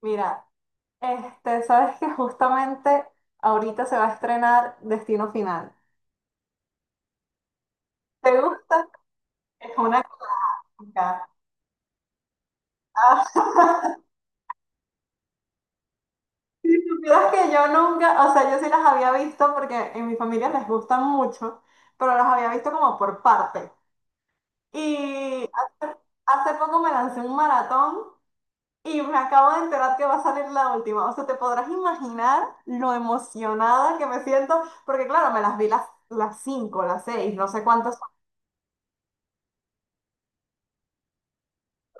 Mira, sabes que justamente ahorita se va a estrenar Destino Final. ¿Te gusta? Es una cómica. Ah, si supieras que yo nunca, o sea, yo sí las había visto porque en mi familia les gustan mucho, pero las había visto como por parte. Y hace, hace poco me lancé un maratón y me acabo de enterar que va a salir la última. O sea, te podrás imaginar lo emocionada que me siento, porque claro, me las vi las cinco, las seis, no sé cuántas.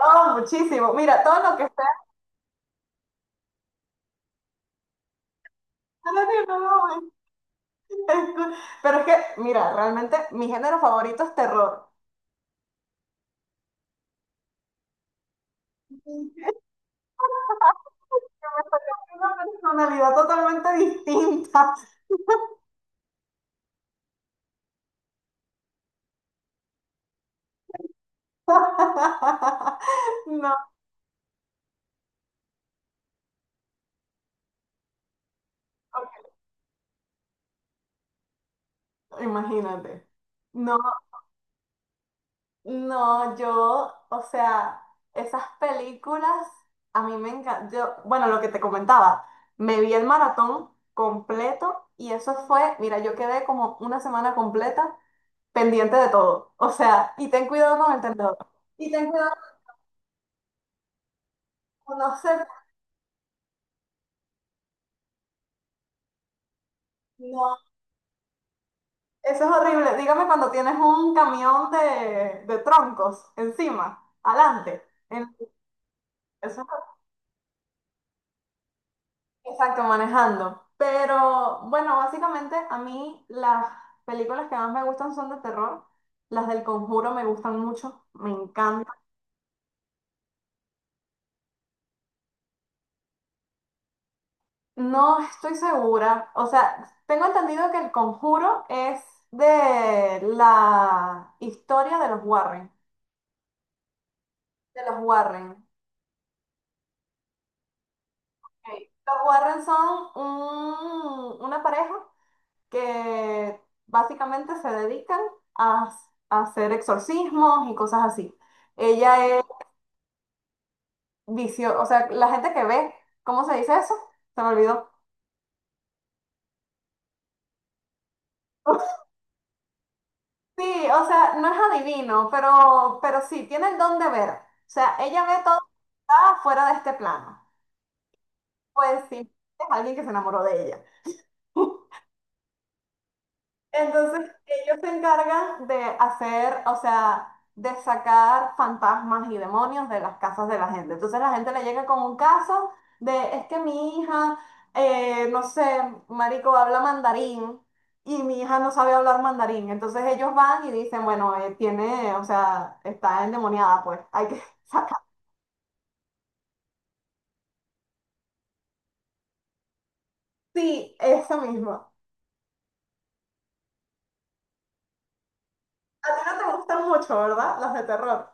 No, muchísimo. Mira, todo lo que sea de terror, no, no, es cool. Pero es que, mira, realmente mi género favorito es terror. Y que me sacó una personalidad totalmente distinta. No, imagínate. No, no, yo, o sea, esas películas a mí me encantan. Yo, bueno, lo que te comentaba, me vi el maratón completo y eso fue, mira, yo quedé como una semana completa pendiente de todo. O sea, y ten cuidado con el tendedor. Y ten cuidado con no ser, no. Eso es horrible. Dígame cuando tienes un camión de troncos encima, adelante. En- eso horrible. Exacto, manejando. Pero bueno, básicamente a mí las películas que más me gustan son de terror. Las del Conjuro me gustan mucho, me encantan. No estoy segura. O sea, tengo entendido que el conjuro es de la historia de los Warren. De los Warren. Ok. Los Warren son una pareja que básicamente se dedican a, a hacer exorcismos y cosas así. Ella es vicio, o sea, la gente que ve, ¿cómo se dice eso? Se me olvidó. Sí, o sea, no es adivino, pero sí, tiene el don de ver. O sea, ella ve todo lo que está fuera de este plano. Pues sí, es alguien que se enamoró de ella. Entonces, ellos se encargan de hacer, o sea, de sacar fantasmas y demonios de las casas de la gente. Entonces, la gente le llega con un caso de, es que mi hija, no sé, marico, habla mandarín y mi hija no sabe hablar mandarín. Entonces, ellos van y dicen, bueno, tiene, o sea, está endemoniada, pues, hay que sacar. Sí, eso mismo. A ti no te gustan mucho, ¿verdad? Los de terror.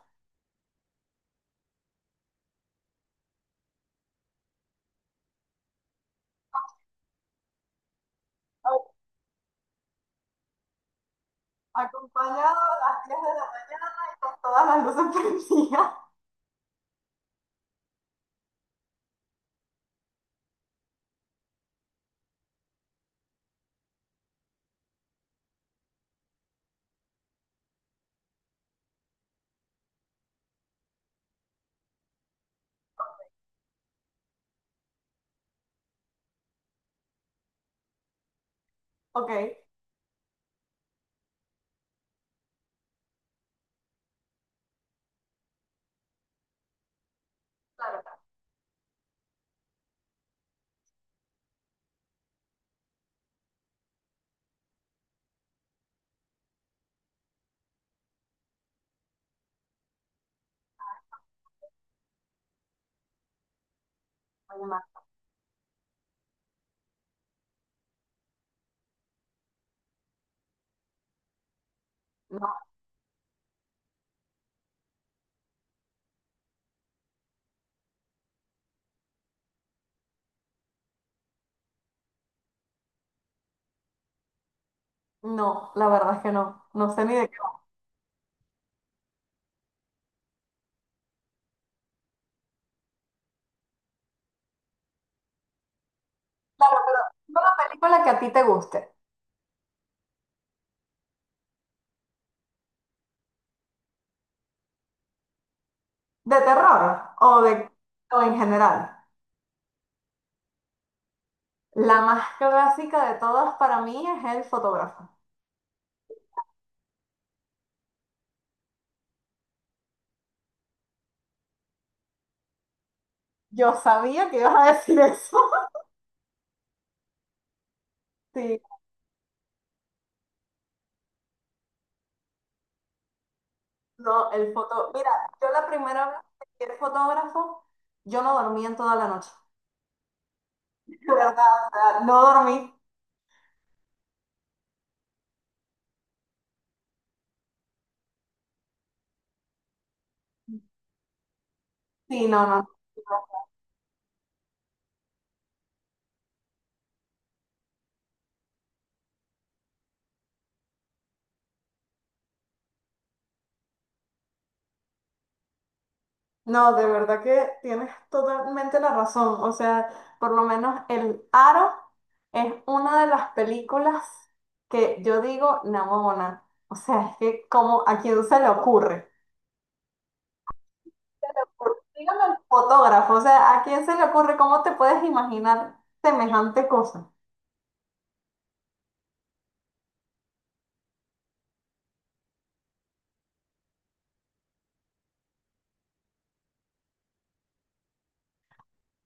Acompañado a las 10 de la mañana y con todas las luces prendidas. Ok, claro, oye, ma, no, no, la verdad es que no, no sé ni de qué. Claro, pero dime una película que a ti te guste, de terror o de o en general. La más clásica de todas para mí es El fotógrafo. Yo sabía que ibas a decir eso. Sí, no, el foto. Mira, yo la primera vez que vi el fotógrafo, yo no dormí en toda la noche. De verdad, o sea, no dormí. Sí, no, no, no, de verdad que tienes totalmente la razón. O sea, por lo menos El Aro es una de las películas que yo digo, namona. O sea, es que como a quién se le ocurre. Dígame al fotógrafo, o sea, ¿a quién se le ocurre? ¿Cómo te puedes imaginar semejante cosa?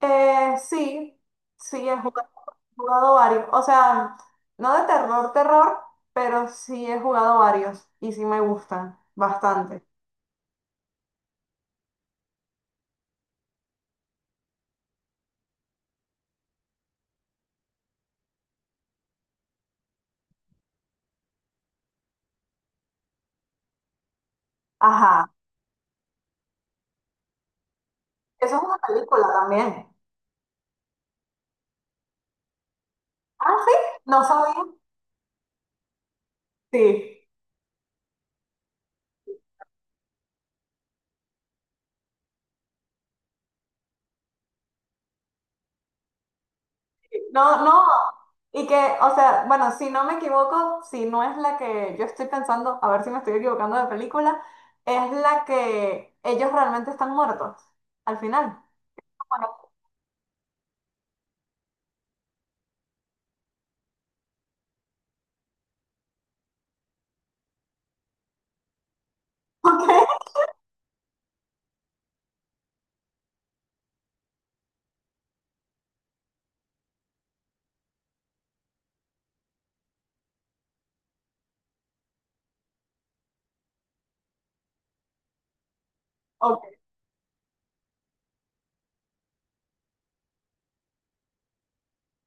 Sí, sí, he jugado varios. O sea, no de terror, terror, pero sí he jugado varios y sí me gustan bastante. Ajá. Eso es una película también. Ah, sí, no sabía. Sí. No, no. Y que, o sea, bueno, si no me equivoco, si no es la que yo estoy pensando, a ver si me estoy equivocando de película, es la que ellos realmente están muertos al final. Bueno, ok, ok.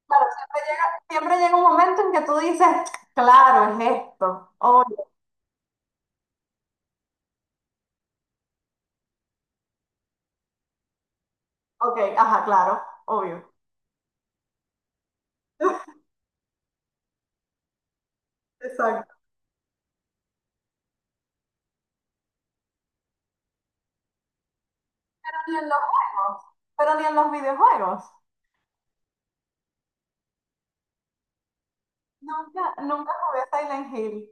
Claro, siempre llega un momento en que tú dices, claro, es esto. Obvio. Ok, ajá, claro, obvio. Exacto. Pero ni en los juegos, pero ni en los videojuegos. Nunca, nunca jugué Silent Hill.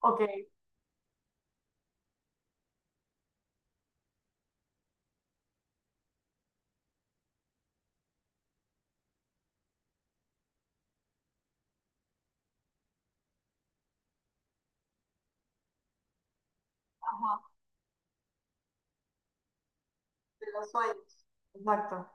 Ok, ajá, de los sueños. Exacto.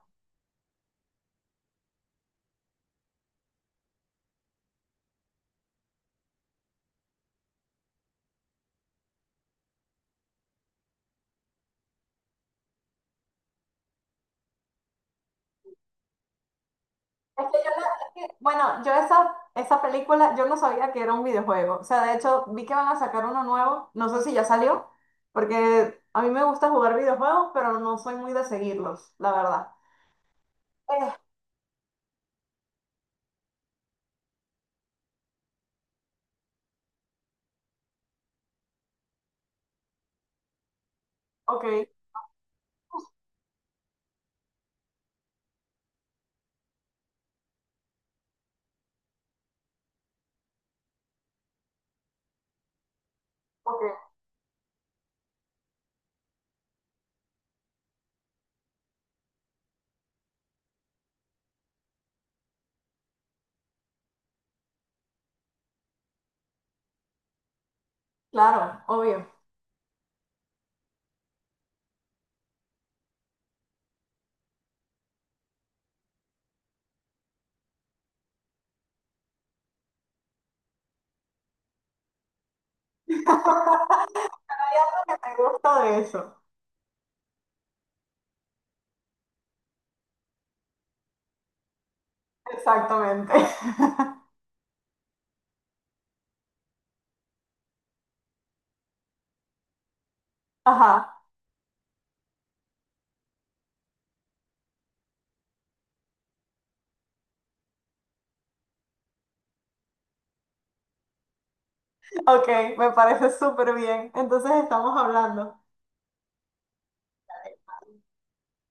Es que yo, es que, bueno, yo esa, esa película, yo no sabía que era un videojuego. O sea, de hecho, vi que van a sacar uno nuevo, no sé si ya salió, porque a mí me gusta jugar videojuegos, pero no soy muy de seguirlos, la verdad. Eh, ok, ok, claro, obvio. Hay algo que me gusta de eso. Exactamente. Ajá, ok, me parece súper bien. Entonces estamos hablando.